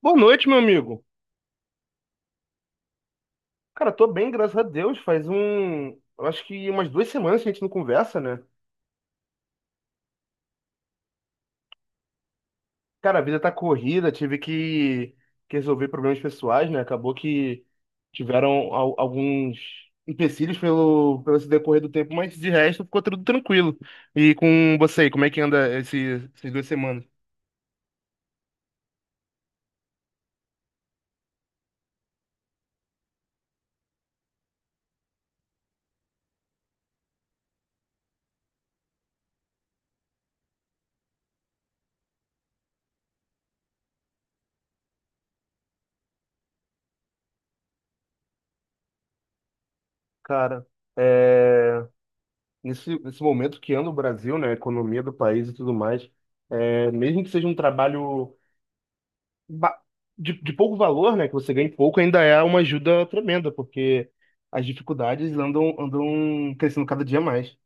Boa noite, meu amigo. Cara, tô bem, graças a Deus. Eu acho que umas duas semanas que a gente não conversa, né? Cara, a vida tá corrida, que resolver problemas pessoais, né? Acabou que tiveram alguns empecilhos pelo esse decorrer do tempo, mas de resto ficou tudo tranquilo. E com você aí, como é que anda essas duas semanas? Cara, é, nesse momento que anda o Brasil, né? A economia do país e tudo mais, mesmo que seja um trabalho ba- de pouco valor, né, que você ganha em pouco, ainda é uma ajuda tremenda, porque as dificuldades andam crescendo cada dia mais.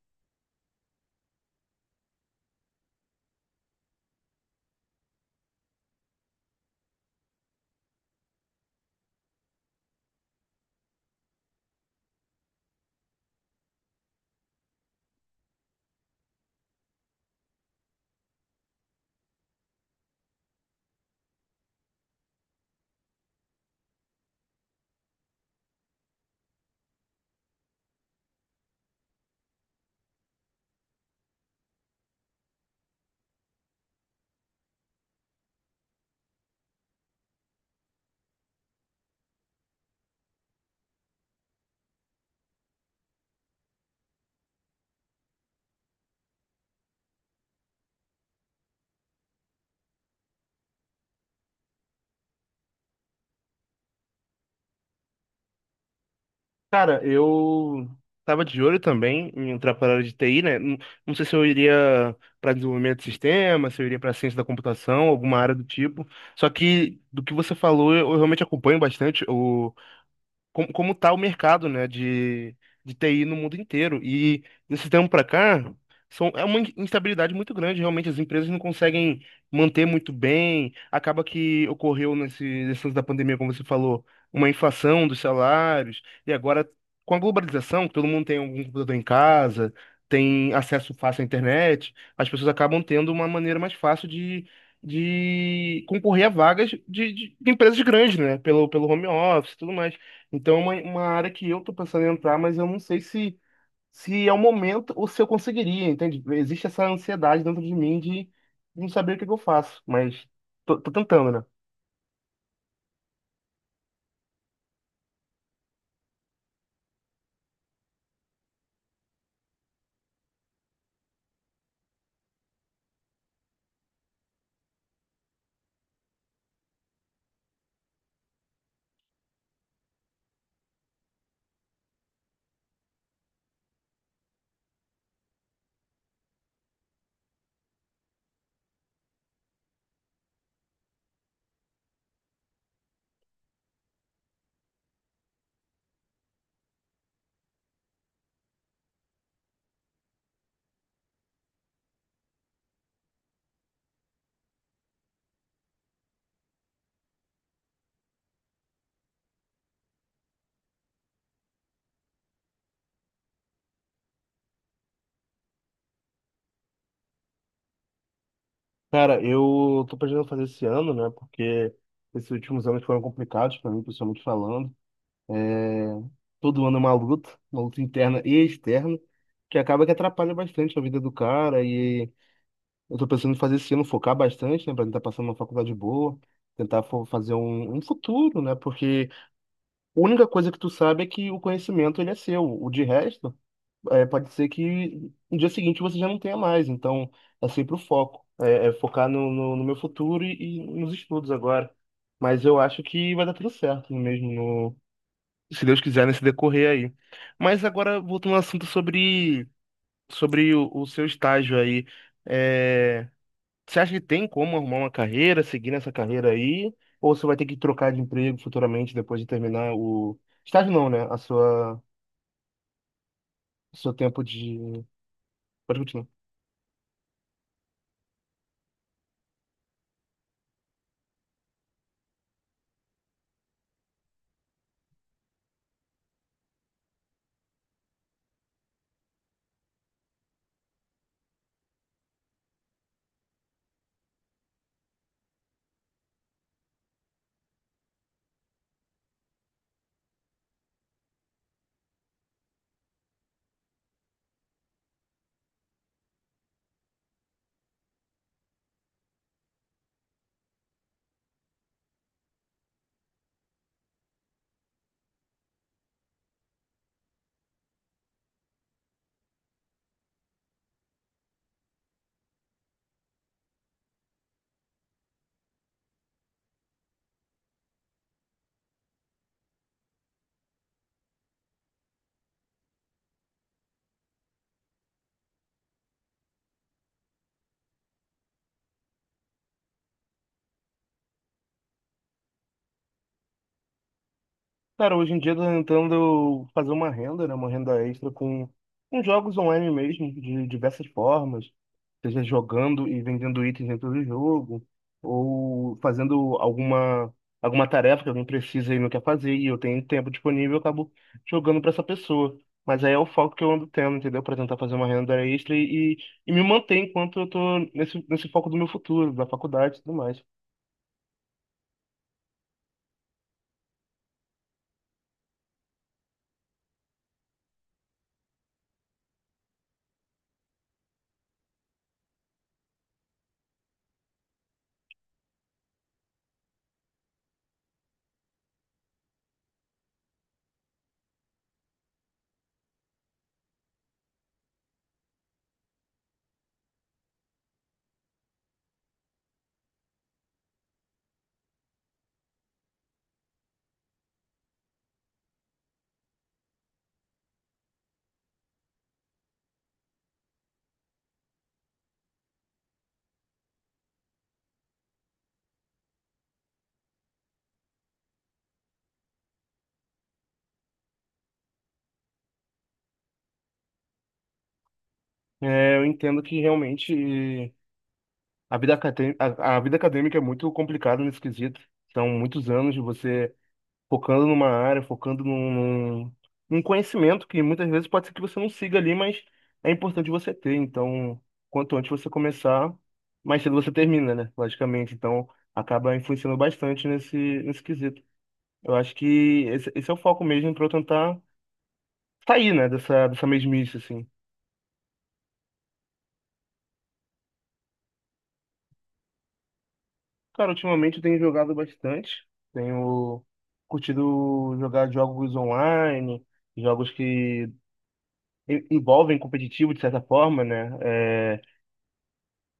Cara, eu tava de olho também em entrar para a área de TI, né? Não, não sei se eu iria para desenvolvimento de sistema, se eu iria para ciência da computação, alguma área do tipo. Só que do que você falou, eu realmente acompanho bastante o como tá o mercado, né, de TI no mundo inteiro. E desse tempo para cá, é uma instabilidade muito grande, realmente as empresas não conseguem manter muito bem. Acaba que ocorreu nesse lance da pandemia, como você falou, uma inflação dos salários. E agora, com a globalização, que todo mundo tem algum computador em casa, tem acesso fácil à internet, as pessoas acabam tendo uma maneira mais fácil de concorrer a vagas de empresas grandes, né? Pelo home office e tudo mais. Então, é uma área que eu tô pensando em entrar, mas eu não sei se é o momento ou se eu conseguiria, entende? Existe essa ansiedade dentro de mim de não saber o que que eu faço, mas tô tentando, né? Cara, eu tô planejando fazer esse ano, né? Porque esses últimos anos foram complicados pra mim, pessoalmente falando. É, Todo ano é uma luta interna e externa, que acaba que atrapalha bastante a vida do cara. E eu tô pensando em fazer esse ano, focar bastante, né? Pra tentar passar numa faculdade boa, tentar fazer um futuro, né? Porque a única coisa que tu sabe é que o conhecimento ele é seu. O de resto, é, pode ser que no dia seguinte você já não tenha mais. Então, é sempre o foco. É focar no meu futuro e nos estudos agora. Mas eu acho que vai dar tudo certo mesmo, se Deus quiser, nesse decorrer aí. Mas agora, voltando ao assunto sobre o seu estágio aí. É, você acha que tem como arrumar uma carreira, seguir nessa carreira aí? Ou você vai ter que trocar de emprego futuramente depois de terminar o estágio, não, né? A sua, o seu tempo de. Pode continuar. Cara, hoje em dia eu tô tentando fazer uma renda, né? Uma renda extra com jogos online mesmo, de diversas formas. Seja jogando e vendendo itens dentro do jogo, ou fazendo alguma tarefa que alguém precisa e não quer fazer, e eu tenho tempo disponível, eu acabo jogando para essa pessoa. Mas aí é o foco que eu ando tendo, entendeu? Para tentar fazer uma renda extra e me manter enquanto eu tô nesse foco do meu futuro, da faculdade e tudo mais. É, eu entendo que realmente a vida a vida acadêmica é muito complicada nesse quesito. São muitos anos de você focando numa área, focando num conhecimento que muitas vezes pode ser que você não siga ali, mas é importante você ter. Então, quanto antes você começar, mais cedo você termina, né? Logicamente. Então, acaba influenciando bastante nesse quesito. Eu acho que esse é o foco mesmo para eu tentar sair, né, dessa mesmice, assim. Cara, ultimamente eu tenho jogado bastante. Tenho curtido jogar jogos online, jogos que envolvem competitivo de certa forma, né? É,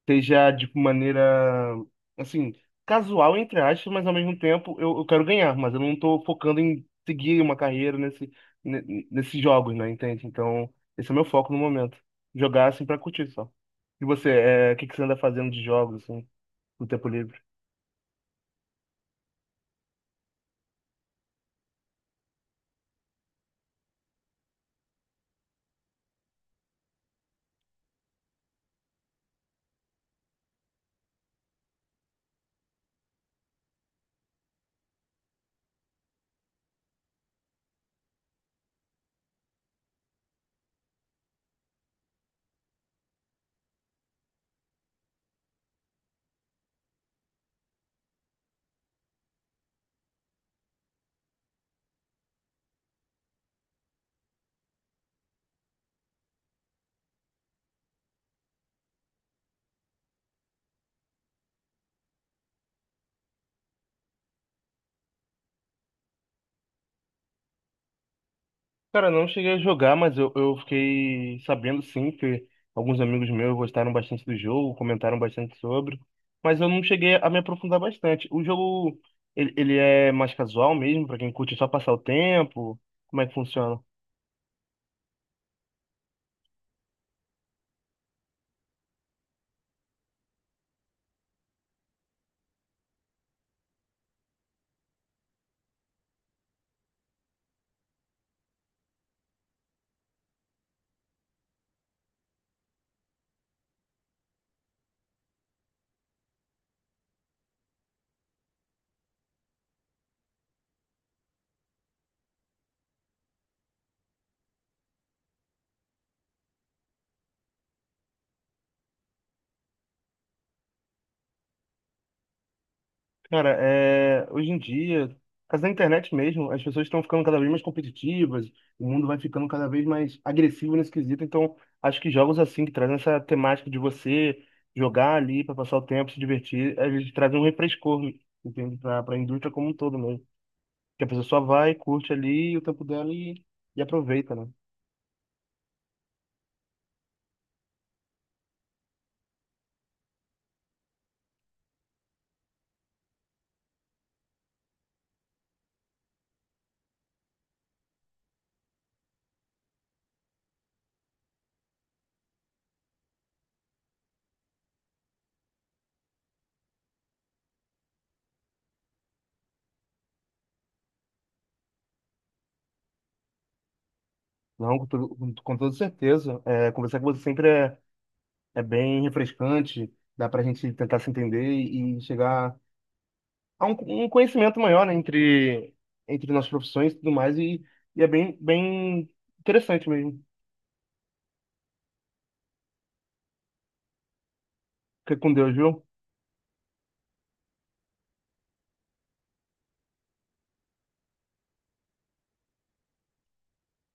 seja de maneira, assim, casual, entre aspas, mas ao mesmo tempo eu quero ganhar, mas eu não tô focando em seguir uma carreira nesses jogos, né? Entende? Então, esse é o meu foco no momento. Jogar, assim, pra curtir só. E você, é, o que que você anda fazendo de jogos, assim, no tempo livre? Cara, não cheguei a jogar, mas eu fiquei sabendo sim, que alguns amigos meus gostaram bastante do jogo, comentaram bastante sobre, mas eu não cheguei a me aprofundar bastante. O jogo, ele é mais casual mesmo, pra quem curte só passar o tempo? Como é que funciona? Cara, é, hoje em dia, mas na internet mesmo, as pessoas estão ficando cada vez mais competitivas, o mundo vai ficando cada vez mais agressivo nesse quesito, então acho que jogos assim, que trazem essa temática de você jogar ali para passar o tempo, se divertir, eles trazem um refrescor, entende? Para a indústria como um todo mesmo. Que a pessoa só vai, curte ali o tempo dela e aproveita, né? Não, com toda certeza. É, conversar com você sempre é, é bem refrescante, dá pra gente tentar se entender e chegar há um conhecimento maior, né, entre nossas profissões e tudo mais, e é bem, bem interessante mesmo. Fica com Deus, viu?